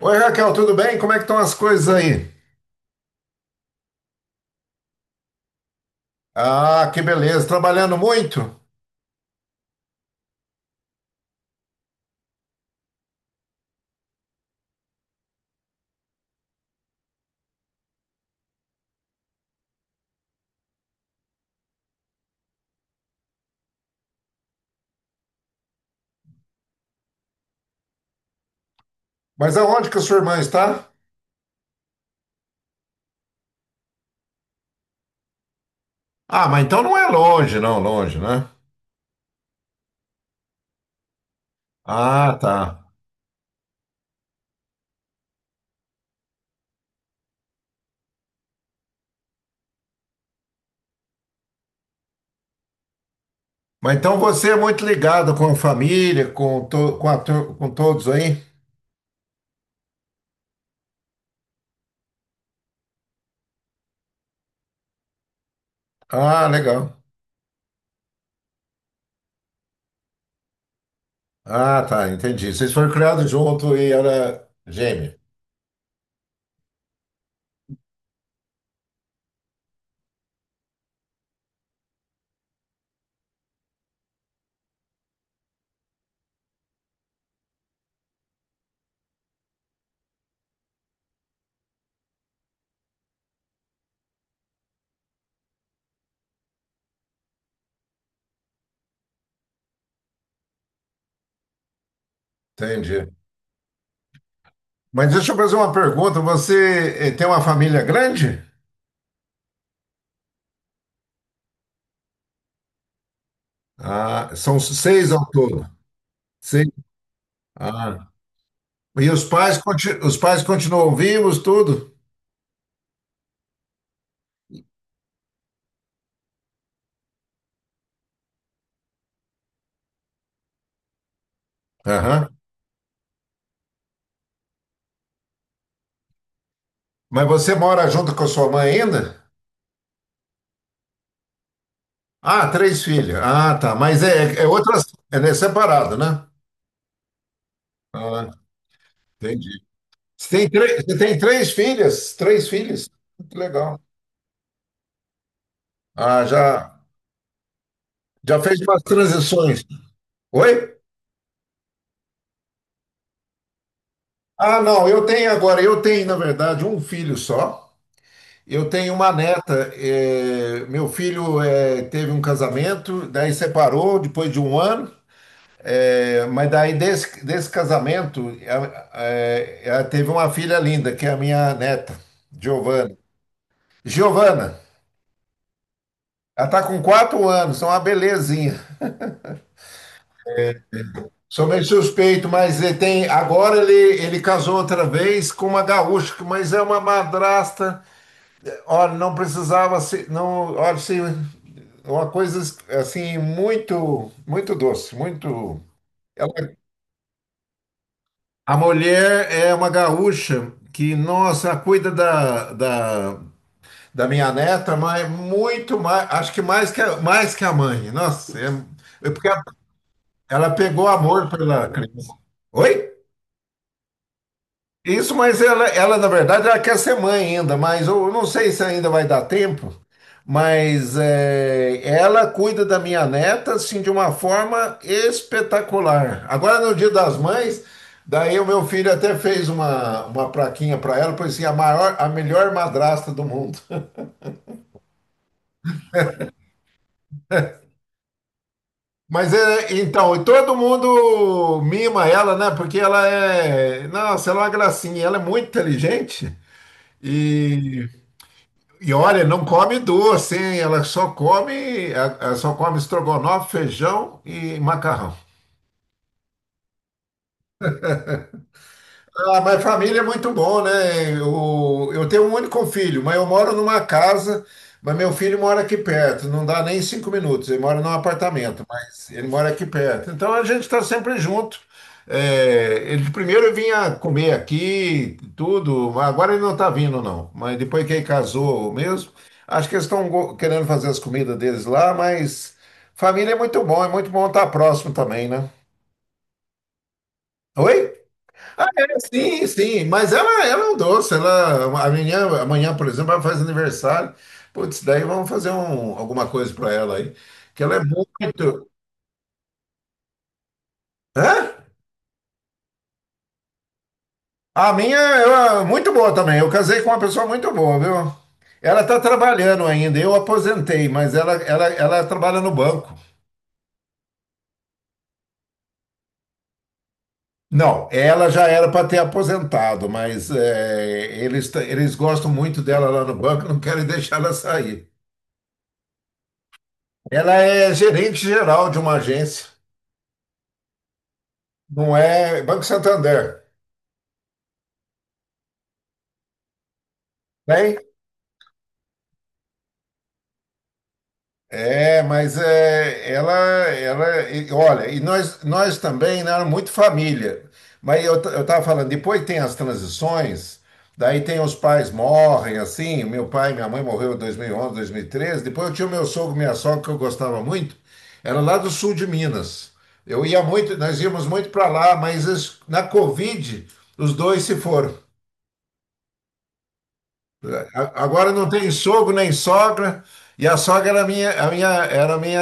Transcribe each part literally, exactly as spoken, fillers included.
Oi, Raquel, tudo bem? Como é que estão as coisas aí? Ah, que beleza, trabalhando muito? Mas aonde que a sua irmã está? Ah, mas então não é longe, não, longe, né? Ah, tá. Mas então você é muito ligado com a família, com, to- com, a tur- com todos aí? Ah, legal. Ah, tá, entendi. Vocês foram criados junto e era gêmea. Entendi. Mas deixa eu fazer uma pergunta. Você eh, tem uma família grande? Ah, são seis ao todo. Seis. Ah. E os pais, conti- os pais continuam vivos, tudo? Aham. Mas você mora junto com a sua mãe ainda? Ah, três filhos. Ah, tá. Mas é, é outras. É né, separado, né? Ah, entendi. Você tem, três- você tem três filhas? Três filhos? Muito legal. Ah, já, já fez umas transições. Oi? Ah, não, eu tenho agora, eu tenho, na verdade, um filho só. Eu tenho uma neta. Eh, meu filho eh, teve um casamento, daí separou depois de um ano. É, mas daí desse, desse casamento, ela, é, ela teve uma filha linda, que é a minha neta, Giovana. Giovana, ela tá com quatro anos, é uma belezinha. Sou meio suspeito, mas ele tem. Agora ele, ele casou outra vez com uma gaúcha, mas é uma madrasta. Olha, não precisava se. Não, olha, se, uma coisa assim, muito, muito doce, muito. Ela A mulher é uma gaúcha que, nossa, cuida da, da, da minha neta, mas muito mais, acho que mais que a, mais que a mãe. Nossa, é, é porque ela pegou amor pela criança. Oi? Isso, mas ela, ela, na verdade, ela quer ser mãe ainda, mas eu não sei se ainda vai dar tempo, mas é, ela cuida da minha neta, assim, de uma forma espetacular. Agora, no Dia das Mães, daí o meu filho até fez uma, uma plaquinha para ela, pois assim, a maior, a melhor madrasta do mundo. Mas é, então, e todo mundo mima ela, né? Porque ela é, nossa, ela é uma gracinha, ela é muito inteligente e E olha, não come doce, hein? Ela só come, ela só come estrogonofe, feijão e macarrão. Ah, mas família é muito bom, né? Eu, eu tenho um único filho, mas eu moro numa casa, mas meu filho mora aqui perto, não dá nem cinco minutos. Ele mora num apartamento, mas ele mora aqui perto. Então a gente está sempre junto. É, ele primeiro vinha comer aqui, tudo, agora ele não está vindo, não. Mas depois que ele casou mesmo, acho que eles estão querendo fazer as comidas deles lá, mas família é muito bom, é muito bom estar próximo também, né? Oi? Ah, é, sim, sim, mas ela, ela é um doce, ela, amanhã, amanhã, por exemplo, ela faz aniversário, putz, daí vamos fazer um, alguma coisa para ela aí, que ela é muito, hã? A minha, ela é muito boa também, eu casei com uma pessoa muito boa, viu? Ela está trabalhando ainda, eu aposentei, mas ela, ela, ela trabalha no banco. Não, ela já era para ter aposentado, mas é, eles, t- eles gostam muito dela lá no banco, não querem deixar ela sair. Ela é gerente geral de uma agência. Não é Banco Santander, tem? É, mas é, ela, ela, e- olha, e nós, nós também não éramos muito família. Mas eu estava falando, depois tem as transições, daí tem os pais morrem, assim, meu pai e minha mãe morreu em dois mil e onze, dois mil e treze, depois eu tinha o meu sogro e minha sogra, que eu gostava muito, era lá do sul de Minas. Eu ia muito, nós íamos muito para lá, mas es- na Covid, os dois se foram. A- Agora não tem sogro nem sogra, e a sogra era minha, a minha, era minha,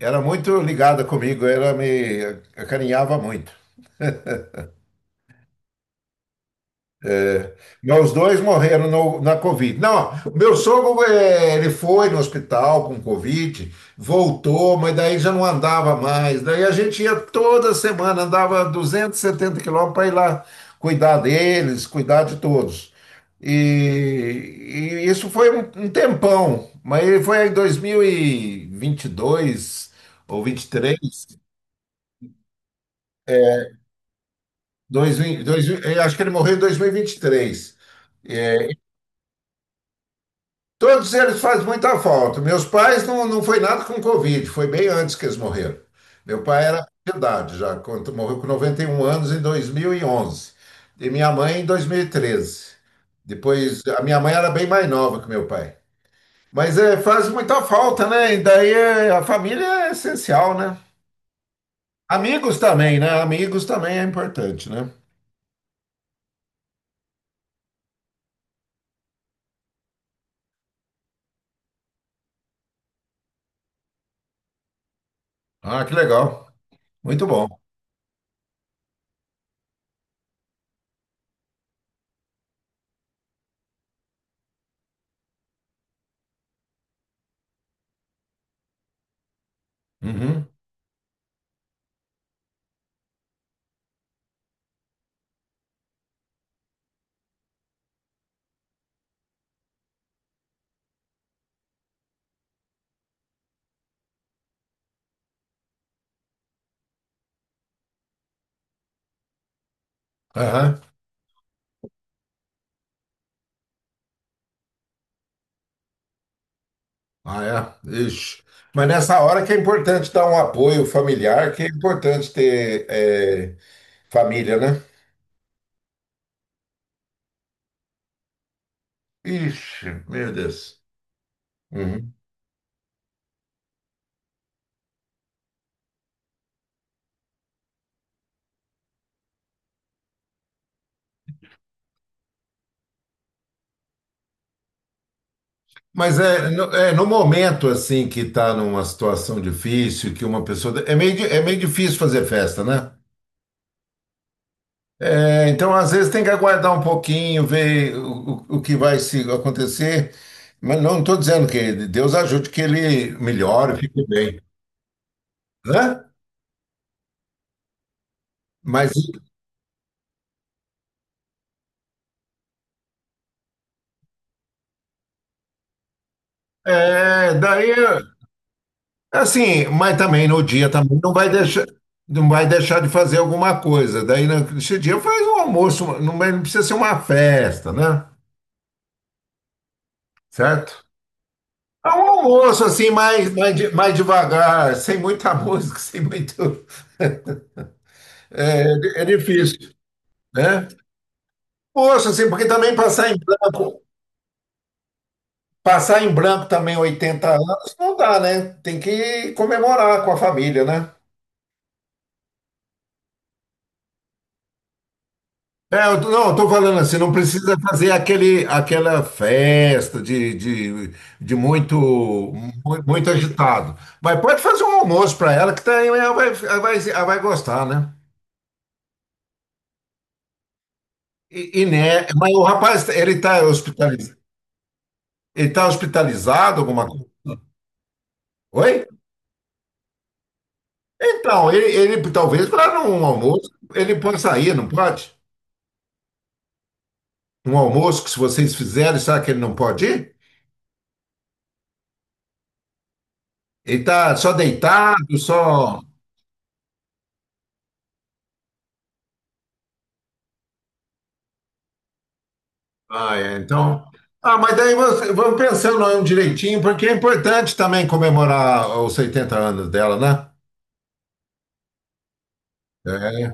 era muito ligada comigo, ela me acarinhava muito. Meus dois morreram no- na Covid. Não, meu sogro, eh, ele foi no hospital com Covid, voltou, mas daí já não andava mais. Daí a gente ia toda semana, andava duzentos e setenta quilômetros para ir lá cuidar deles, cuidar de todos. E, e isso foi um, um tempão, mas foi em dois mil e vinte e dois ou vinte e três, dois, mil- dois, mil- eh, acho que ele morreu em dois mil e vinte e três. Todos eles fazem muita falta. Meus pais não, não foi nada com Covid, foi bem antes que eles morreram. Meu pai era de idade já, quando morreu com noventa e um anos em dois mil E onze e minha mãe em dois mil e treze. Depois, a minha mãe era bem mais nova que meu pai. Mas é, faz muita falta, né? E daí é, a família é essencial, né? Amigos também, né? Amigos também é importante, né? Ah, que legal. Muito bom. Uhum. Aham. Ah, é? Ixi. Mas nessa hora que é importante dar um apoio familiar, que é importante ter é, família, né? Ixi, meu Deus. Uhum. Mas é no, é no momento assim que tá numa situação difícil, que uma pessoa. É meio, di- é meio difícil fazer festa, né? É, então, às vezes, tem que aguardar um pouquinho, ver o, o, o que vai se acontecer. Mas não estou dizendo que Deus ajude que ele melhore, fique bem, né? Mas é, daí. Assim, mas também no dia também não vai deixar, não vai deixar de fazer alguma coisa. Daí nesse dia faz um almoço, não vai- não precisa ser uma festa, né? Certo? É um almoço assim, mais, mais, de- mais devagar, sem muita música, sem muito. É, é difícil, né? Poxa, assim, porque também passar em branco, passar em branco também oitenta anos não dá, né? Tem que comemorar com a família, né? É, eu tô- não, eu tô falando assim, não precisa fazer aquele, aquela festa de, de, de muito, mu- muito agitado. Mas pode fazer um almoço para ela, que daí ela vai, ela vai, ela vai gostar, né? E, e né, mas o rapaz, ele tá hospitalizado, ele tá hospitalizado, alguma coisa? Oi? Então, ele, ele talvez para um almoço, ele pode sair, não pode? Um almoço que se vocês fizerem, sabe que ele não pode ir? Ele tá só deitado, só. Ah, é. Então. Ah, mas daí você- vamos pensando aí um direitinho, porque é importante também comemorar os setenta anos dela, né? É.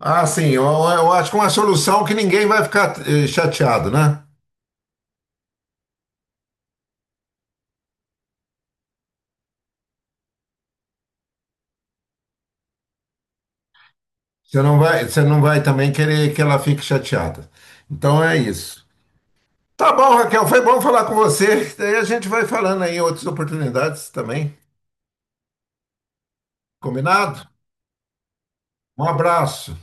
Ah, sim, eu, eu acho que é uma solução que ninguém vai ficar eh, chateado, né? Você não vai, você não vai também querer que ela fique chateada. Então é isso. Tá bom, Raquel, foi bom falar com você. Daí a gente vai falando aí em outras oportunidades também. Combinado? Um abraço.